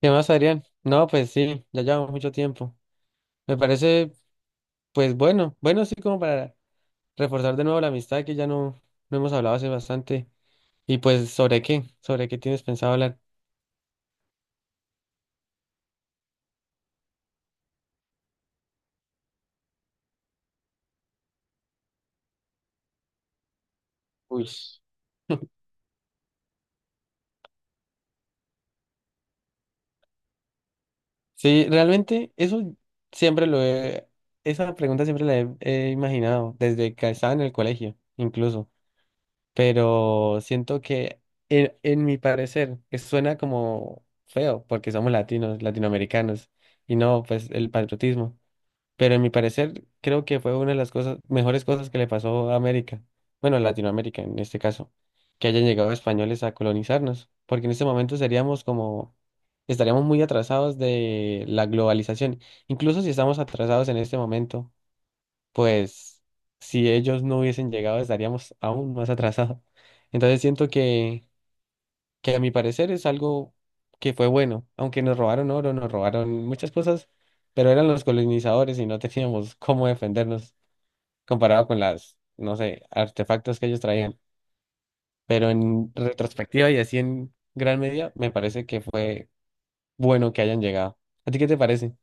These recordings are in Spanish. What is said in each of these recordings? ¿Qué más, Adrián? No, pues sí, ya llevamos mucho tiempo. Me parece, pues bueno, bueno, sí, como para reforzar de nuevo la amistad que ya no, no hemos hablado hace bastante. Y pues, ¿sobre qué? ¿Sobre qué tienes pensado hablar? Uy, sí, realmente eso siempre lo he, esa pregunta siempre la he imaginado, desde que estaba en el colegio, incluso. Pero siento que, en mi parecer, que suena como feo, porque somos latinos, latinoamericanos, y no, pues el patriotismo. Pero en mi parecer, creo que fue una de las cosas, mejores cosas que le pasó a América, bueno, a Latinoamérica en este caso, que hayan llegado españoles a colonizarnos, porque en este momento seríamos como, estaríamos muy atrasados de la globalización. Incluso si estamos atrasados en este momento, pues si ellos no hubiesen llegado, estaríamos aún más atrasados. Entonces siento que a mi parecer es algo que fue bueno, aunque nos robaron oro, nos robaron muchas cosas, pero eran los colonizadores y no teníamos cómo defendernos comparado con las, no sé, artefactos que ellos traían. Pero en retrospectiva y así en gran medida, me parece que fue bueno que hayan llegado. ¿A ti qué te parece?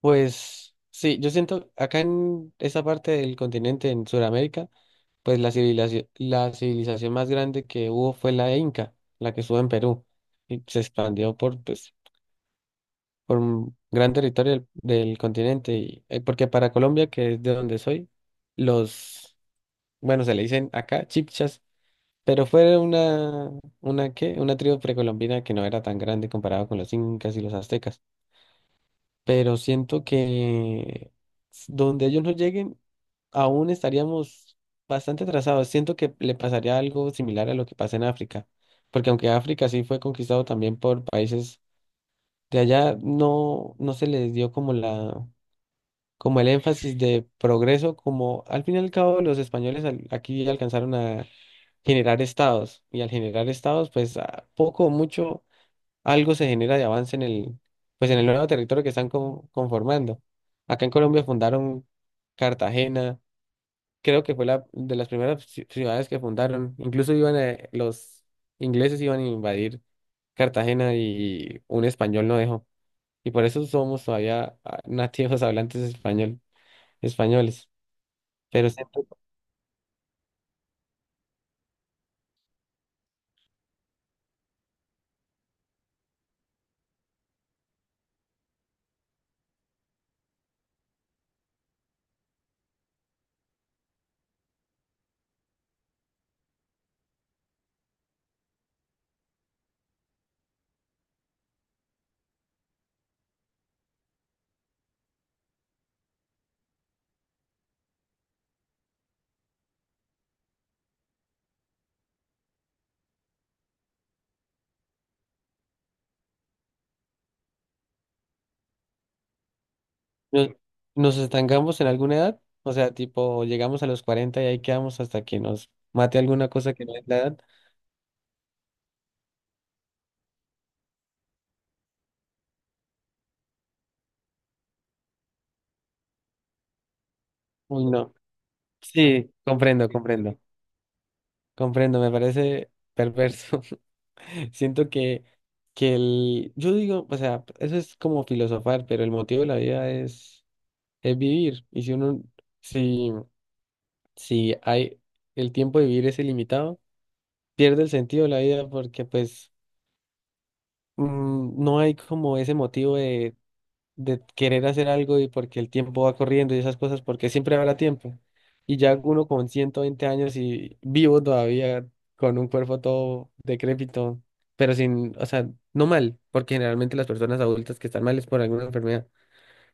Pues sí, yo siento acá en esa parte del continente, en Sudamérica, pues la civilización más grande que hubo fue la Inca, la que estuvo en Perú y se expandió por pues, por un gran territorio del continente. Y, porque para Colombia, que es de donde soy, los, bueno, se le dicen acá chipchas, pero fue una, ¿qué? Una tribu precolombina que no era tan grande comparado con los incas y los aztecas. Pero siento que donde ellos no lleguen, aún estaríamos bastante atrasados. Siento que le pasaría algo similar a lo que pasa en África. Porque aunque África sí fue conquistado también por países de allá, no, no se les dio como la, como el énfasis de progreso, como al fin y al cabo los españoles aquí alcanzaron a generar estados y al generar estados, pues a poco o mucho algo se genera de avance en el, pues en el nuevo territorio que están conformando. Acá en Colombia fundaron Cartagena, creo que fue la de las primeras ciudades que fundaron, incluso iban a, los ingleses iban a invadir Cartagena y un español no dejó. Y por eso somos todavía ah, nativos hablantes español, españoles. Pero siempre nos, nos estancamos en alguna edad, o sea, tipo, llegamos a los 40 y ahí quedamos hasta que nos mate alguna cosa que no es la edad. Uy, no. Sí, comprendo, comprendo, comprendo, me parece perverso. Siento que el, yo digo, o sea, eso es como filosofar, pero el motivo de la vida es vivir. Y si uno, si, si hay, el tiempo de vivir es ilimitado, pierde el sentido de la vida porque pues no hay como ese motivo de querer hacer algo y porque el tiempo va corriendo y esas cosas, porque siempre habrá tiempo. Y ya uno con 120 años y vivo todavía con un cuerpo todo decrépito, pero sin, o sea, no mal, porque generalmente las personas adultas que están mal es por alguna enfermedad,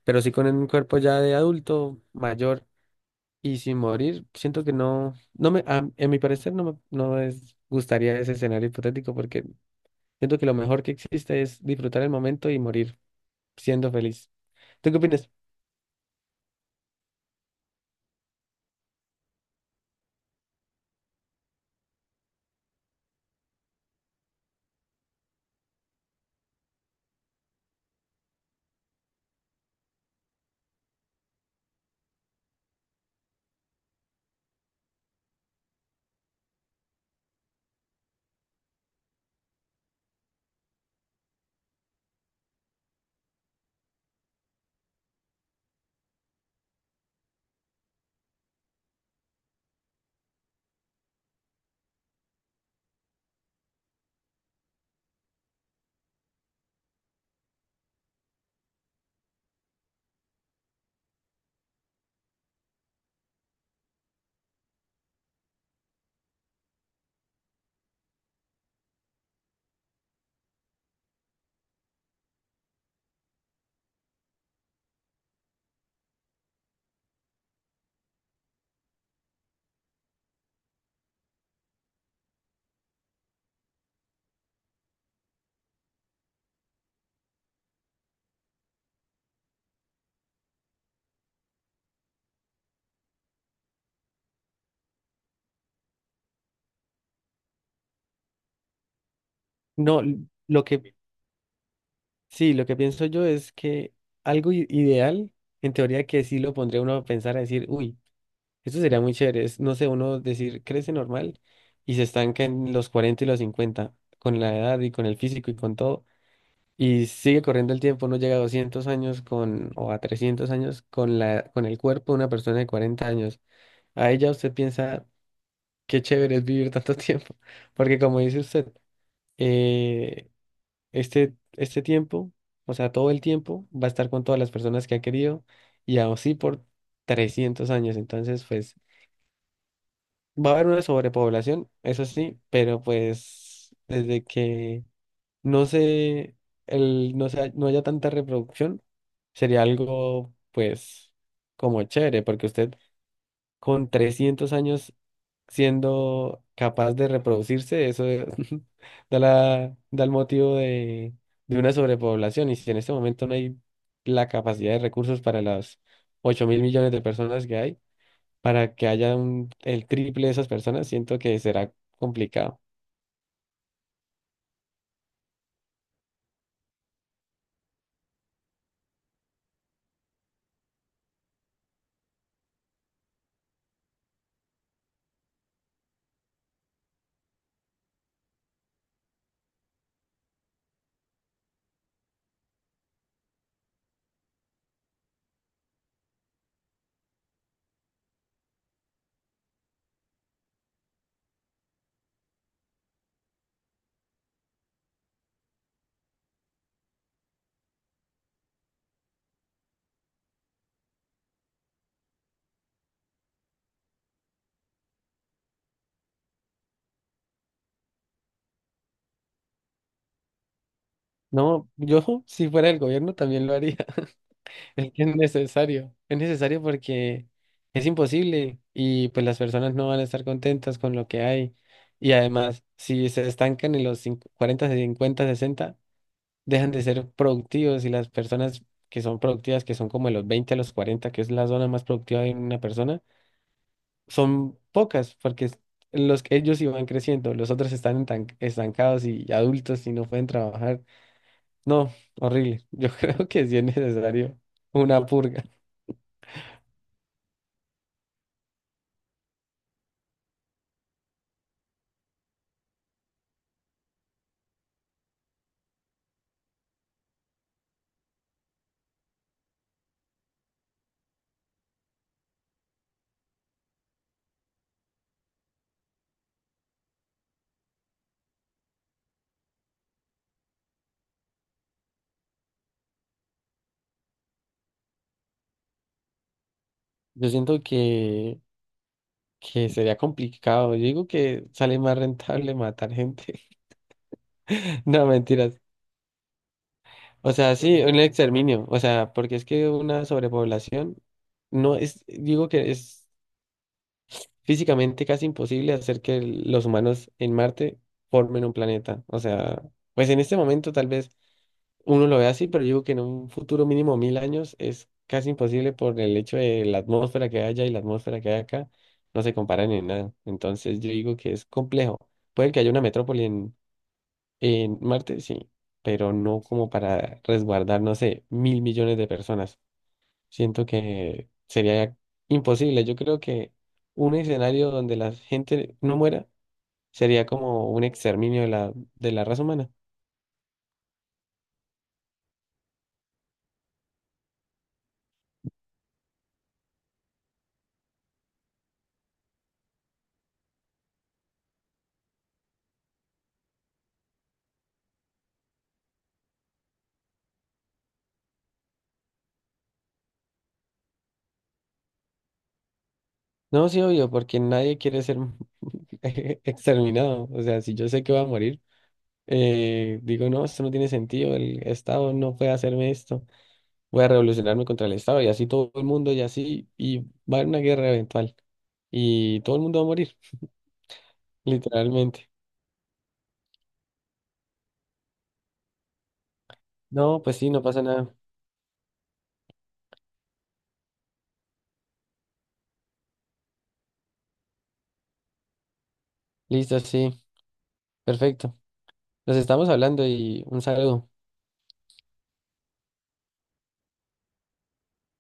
pero sí con un cuerpo ya de adulto mayor y sin morir, siento que no, no me, a, en mi parecer no me, no es, gustaría ese escenario hipotético porque siento que lo mejor que existe es disfrutar el momento y morir siendo feliz. ¿Tú qué opinas? No, lo que sí, lo que pienso yo es que algo ideal, en teoría que sí lo pondría uno a pensar, a decir, uy, esto sería muy chévere, es, no sé, uno decir, crece normal y se estanca en los 40 y los 50 con la edad y con el físico y con todo, y sigue corriendo el tiempo, uno llega a 200 años con, o a 300 años con la, con el cuerpo de una persona de 40 años. A ella usted piensa, qué chévere es vivir tanto tiempo, porque como dice usted, eh, este, este tiempo, o sea, todo el tiempo, va a estar con todas las personas que ha querido y así por 300 años. Entonces, pues, va a haber una sobrepoblación, eso sí, pero pues, desde que no se, el, no se, no haya tanta reproducción, sería algo, pues, como chévere, porque usted con 300 años siendo capaz de reproducirse, eso es- da la, da el motivo de una sobrepoblación. Y si en este momento no hay la capacidad de recursos para las 8 mil millones de personas que hay, para que haya el triple de esas personas, siento que será complicado. No, yo si fuera el gobierno también lo haría. Es que es necesario porque es imposible y pues las personas no van a estar contentas con lo que hay. Y además, si se estancan en los 40, 50 60 dejan de ser productivos y las personas que son productivas, que son como de los 20 a los 40 que es la zona más productiva de una persona, son pocas porque los que ellos iban creciendo, los otros están estancados y adultos y no pueden trabajar. No, horrible. Yo creo que sí es necesario una purga. Yo siento que sería complicado. Yo digo que sale más rentable matar gente. No, mentiras. O sea, sí, un exterminio. O sea, porque es que una sobrepoblación no es, digo que es físicamente casi imposible hacer que los humanos en Marte formen un planeta. O sea, pues en este momento tal vez. Uno lo ve así, pero yo digo que en un futuro mínimo mil años es casi imposible por el hecho de la atmósfera que hay allá y la atmósfera que hay acá, no se comparan en nada. Entonces yo digo que es complejo. Puede que haya una metrópoli en Marte, sí, pero no como para resguardar, no sé, mil millones de personas. Siento que sería imposible. Yo creo que un escenario donde la gente no muera sería como un exterminio de la raza humana. No, sí, obvio, porque nadie quiere ser exterminado. O sea, si yo sé que voy a morir, digo, no, esto no tiene sentido, el Estado no puede hacerme esto, voy a revolucionarme contra el Estado y así todo el mundo y así, y va a haber una guerra eventual y todo el mundo va a morir, literalmente. No, pues sí, no pasa nada. Listo, sí, perfecto. Nos estamos hablando y un saludo.